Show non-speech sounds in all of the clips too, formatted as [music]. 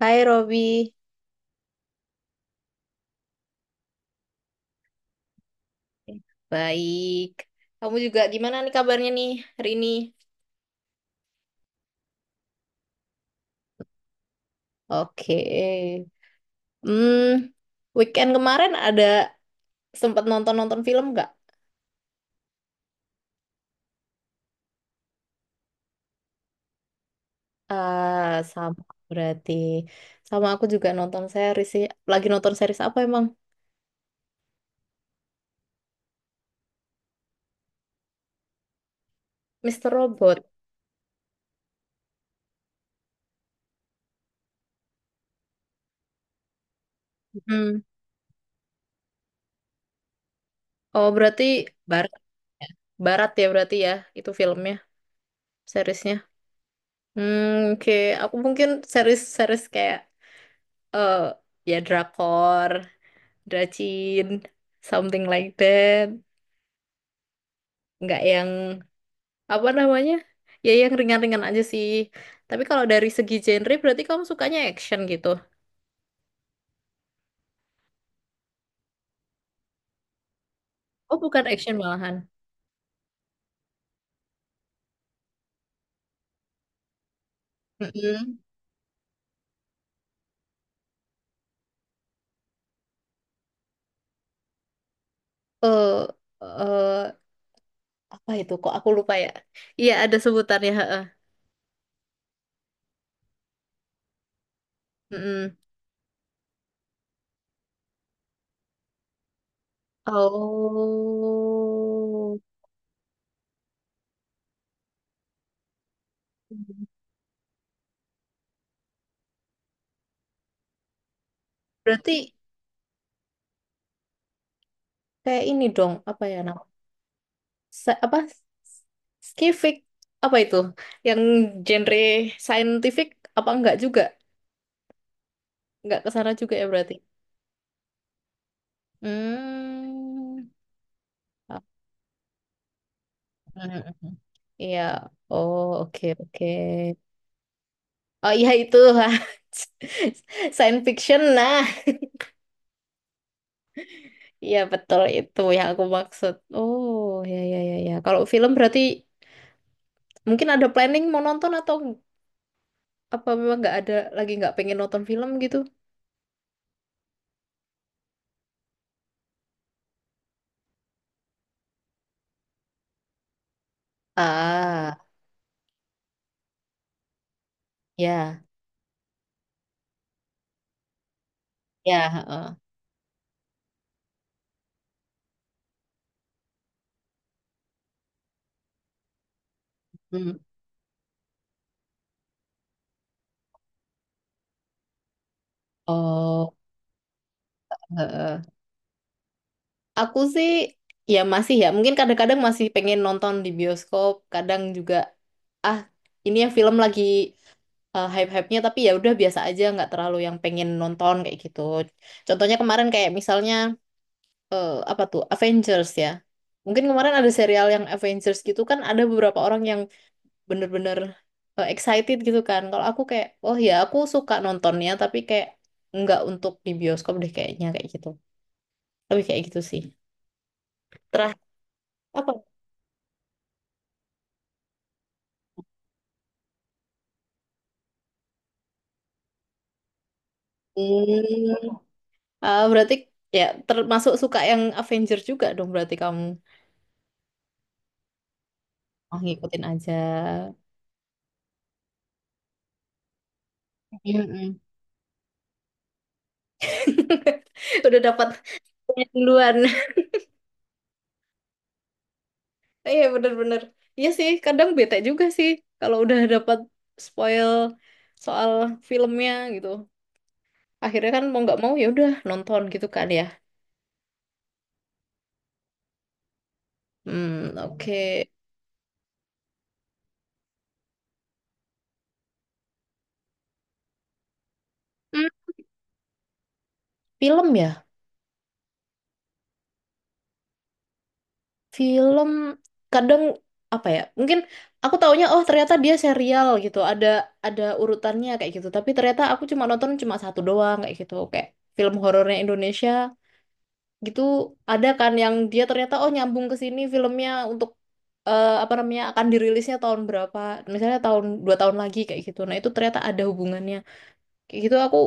Hai Robi, baik. Kamu juga gimana nih kabarnya hari ini? Oke. Hmm, Weekend kemarin ada sempat nonton-nonton film nggak? Ah, sama berarti. Sama aku juga nonton series sih. Lagi nonton series apa emang? Mister Robot. Hmm. Oh berarti barat, barat ya berarti ya itu filmnya, seriesnya. Hmm, oke. Aku mungkin series-series kayak eh ya drakor, rajin, something like that. Nggak yang apa namanya? Ya yang ringan-ringan aja sih. Tapi kalau dari segi genre berarti kamu sukanya action gitu. Oh, bukan action malahan. Mm-mm. Eh, eh, apa itu? Kok aku lupa ya? Iya, ada sebutannya, heeh. Mm-mm. Oh. Berarti kayak ini dong, apa ya nama? Sa- apa? Skifik apa itu? Yang genre scientific apa enggak juga? Nggak ke sana juga ya berarti. Hmm. Ah, mm, mm, mm. Iya. Oh, oke, oke. Oh iya itu. [laughs] Science fiction. Nah, iya betul itu yang aku maksud. Oh, ya ya ya ya. Kalau film berarti mungkin ada planning mau nonton atau apa memang nggak ada lagi nggak pengen nonton film gitu? Ah, ya. Ya, heeh. Hmm. Oh, heeh. Aku sih ya masih ya, mungkin kadang-kadang masih pengen nonton di bioskop, kadang juga ah ini ya film lagi hype-hype-nya tapi ya udah biasa aja nggak terlalu yang pengen nonton kayak gitu. Contohnya kemarin kayak misalnya apa tuh Avengers ya. Mungkin kemarin ada serial yang Avengers gitu kan ada beberapa orang yang bener-bener excited gitu kan. Kalau aku kayak oh ya aku suka nontonnya tapi kayak nggak untuk di bioskop deh kayaknya kayak gitu. Lebih kayak gitu sih. Terakhir apa? Hmm. Ah, berarti ya termasuk suka yang Avenger juga dong berarti kamu oh, ngikutin aja. Mm-mm. [laughs] Udah dapat punya duluan. [laughs] Iya bener-bener. Iya sih, kadang bete juga sih kalau udah dapat spoil soal filmnya gitu. Akhirnya kan mau nggak mau ya udah nonton gitu kan ya. Hmm, oke. Hmm, film ya. Film kadang apa ya? Mungkin aku taunya oh ternyata dia serial gitu. Ada urutannya kayak gitu. Tapi ternyata aku cuma nonton cuma satu doang kayak gitu. Kayak film horornya Indonesia gitu ada kan yang dia ternyata oh nyambung ke sini filmnya untuk apa namanya akan dirilisnya tahun berapa? Misalnya tahun dua tahun lagi kayak gitu. Nah, itu ternyata ada hubungannya. Kayak gitu aku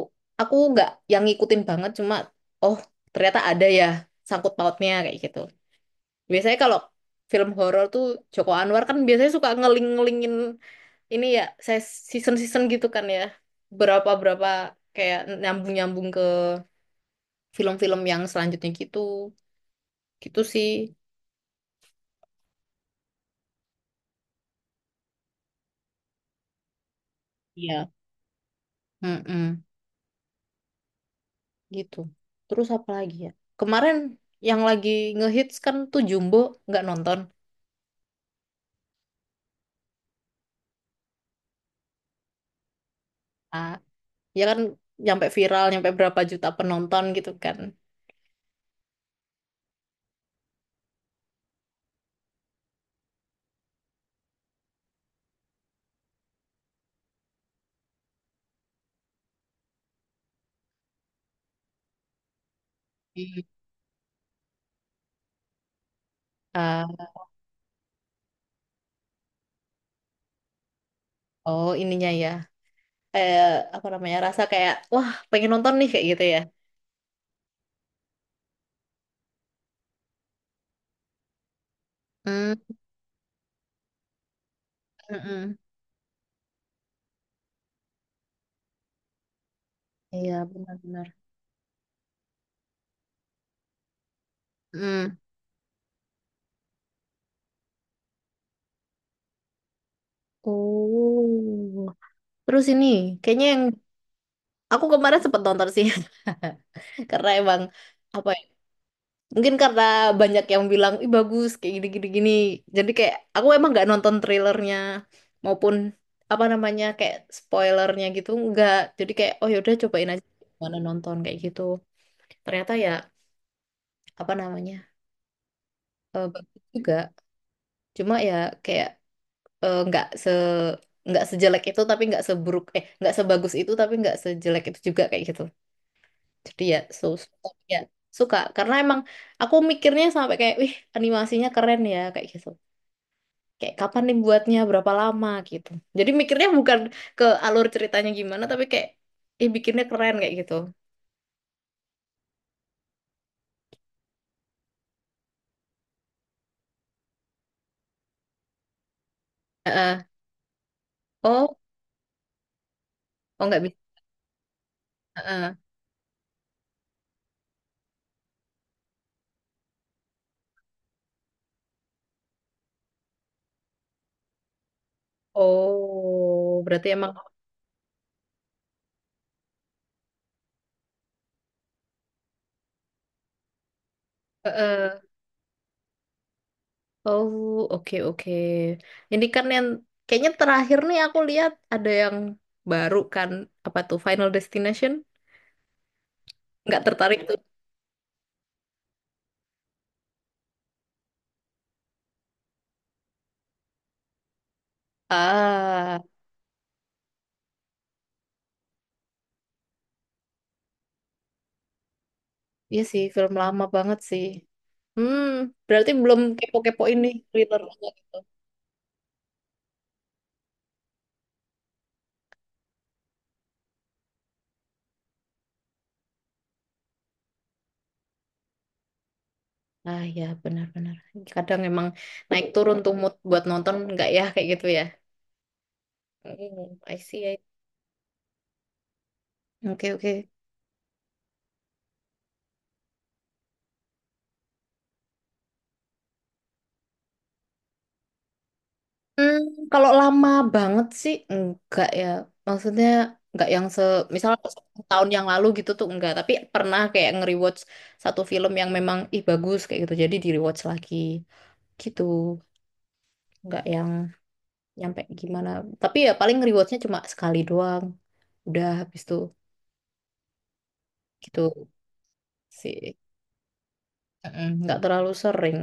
aku nggak yang ngikutin banget cuma oh ternyata ada ya sangkut pautnya kayak gitu. Biasanya kalau film horor tuh Joko Anwar kan biasanya suka ngeling-ngelingin ini ya, saya season-season gitu kan ya. Berapa-berapa kayak nyambung-nyambung ke film-film yang selanjutnya gitu. Gitu sih. Iya. Mm-mm. Gitu. Terus apa lagi ya? Kemarin yang lagi ngehits kan tuh Jumbo nggak nonton. Ah, ya kan nyampe viral, nyampe berapa juta penonton gitu kan. Hmm. Ah, oh ininya ya. Eh, apa namanya? Rasa kayak wah, pengen nonton nih kayak gitu ya. Hmm, mm-mm, iya, benar-benar. Hmm, oh, terus ini kayaknya yang aku kemarin sempet nonton sih, [laughs] karena emang apa ya? Mungkin karena banyak yang bilang, ih bagus kayak gini-gini gini. Gini. Jadi kayak aku emang nggak nonton trailernya maupun apa namanya kayak spoilernya gitu nggak. Jadi kayak oh yaudah cobain aja mana nonton kayak gitu. Ternyata ya apa namanya bagus juga. Cuma ya kayak eh, nggak se nggak sejelek itu tapi nggak seburuk nggak sebagus itu tapi nggak sejelek itu juga kayak gitu jadi ya so, so- tapi ya suka karena emang aku mikirnya sampai kayak wih animasinya keren ya kayak gitu kayak kapan nih buatnya berapa lama gitu jadi mikirnya bukan ke alur ceritanya gimana tapi kayak bikinnya keren kayak gitu. Heeh. Oh. Oh nggak bisa. Heeh. Oh berarti emang. Heeh. Oh, oke oke. Ini kan yang kayaknya terakhir nih aku lihat ada yang baru kan apa tuh Final Destination? Nggak tertarik tuh. Ah, iya sih film lama banget sih. Hmm, berarti belum kepo-kepo ini thriller gitu. Ah ya benar-benar. Kadang emang naik turun tuh mood buat nonton nggak ya kayak gitu ya. Hmm, I see. I see. Oke oke. Hmm, kalau lama banget sih enggak ya. Maksudnya enggak yang se misal tahun yang lalu gitu tuh enggak, tapi pernah kayak nge-rewatch satu film yang memang ih bagus kayak gitu. Jadi di-rewatch lagi gitu. Enggak yang nyampe gimana. Tapi ya paling nge-rewatchnya cuma sekali doang. Udah habis tuh gitu sih. Mm, enggak terlalu sering.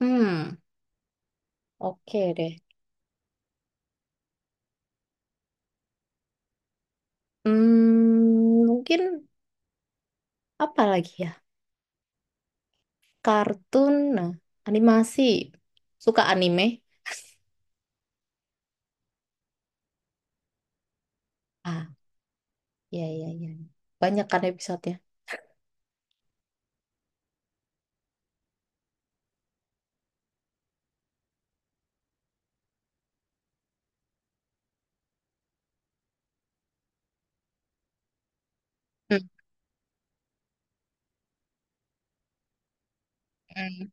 Hmm, oke deh. Hmm, mungkin apa lagi ya? Kartun, nah, animasi. Suka anime? Ah, iya, iya, iya. Banyak kan episodenya. Hmm, hmm.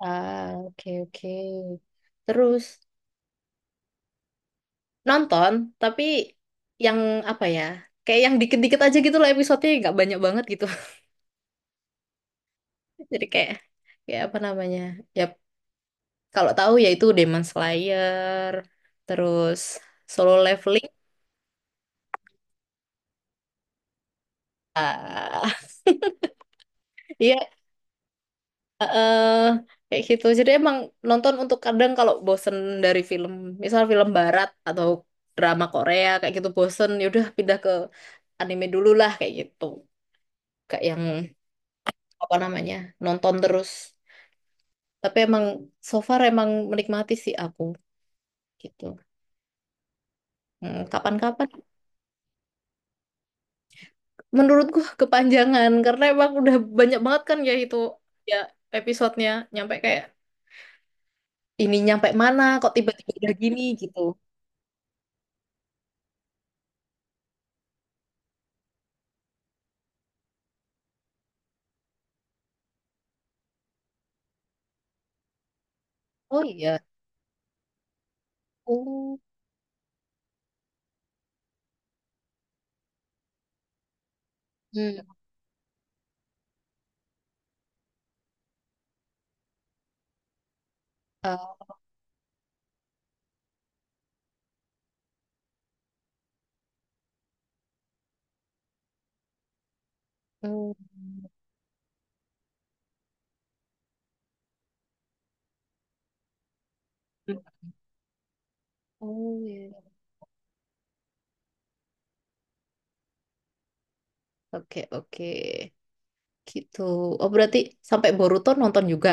Ah, oke, oke. Terus, nonton, tapi yang apa ya? Kayak yang dikit-dikit aja gitu loh episodenya, nggak banyak banget gitu. [laughs] Jadi kayak, kayak apa namanya? Ya, kalau tahu yaitu Demon Slayer, terus Solo Leveling. Iya, eh kayak gitu. Jadi emang nonton untuk kadang kalau bosen dari film, misal film barat atau drama Korea kayak gitu bosen, yaudah pindah ke anime dulu lah kayak gitu. Kayak yang apa namanya nonton terus. Tapi emang so far emang menikmati sih aku gitu. Hmm, kapan-kapan menurutku [laughs] kepanjangan karena emang udah banyak banget kan ya itu ya episodenya nyampe kayak ini nyampe mana kok tiba-tiba udah gini gitu. Oh iya. Oh. Hmm. eh, Oh, oh ya. Oke, oke. Gitu. Oh, berarti sampai Boruto nonton juga.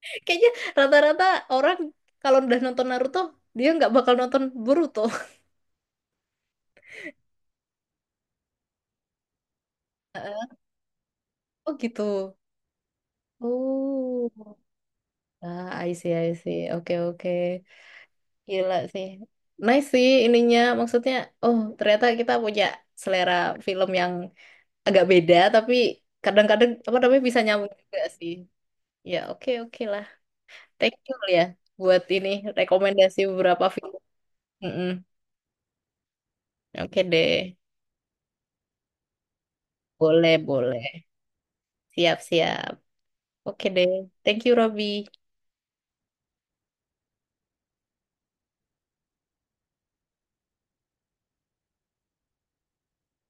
[laughs] Kayaknya rata-rata orang kalau udah nonton Naruto, dia nggak bakal nonton Boruto. [laughs] Oh, gitu. Oh. Ah, I see, I see. Oke, oke. Gila sih. Nice sih ininya. Maksudnya, oh, ternyata kita punya selera film yang agak beda, tapi kadang-kadang apa namanya bisa nyambung juga sih. Ya, oke, oke lah. Thank you ya buat ini rekomendasi beberapa film. Mm-mm. Oke deh, boleh boleh, siap siap. Oke deh, thank you Robby.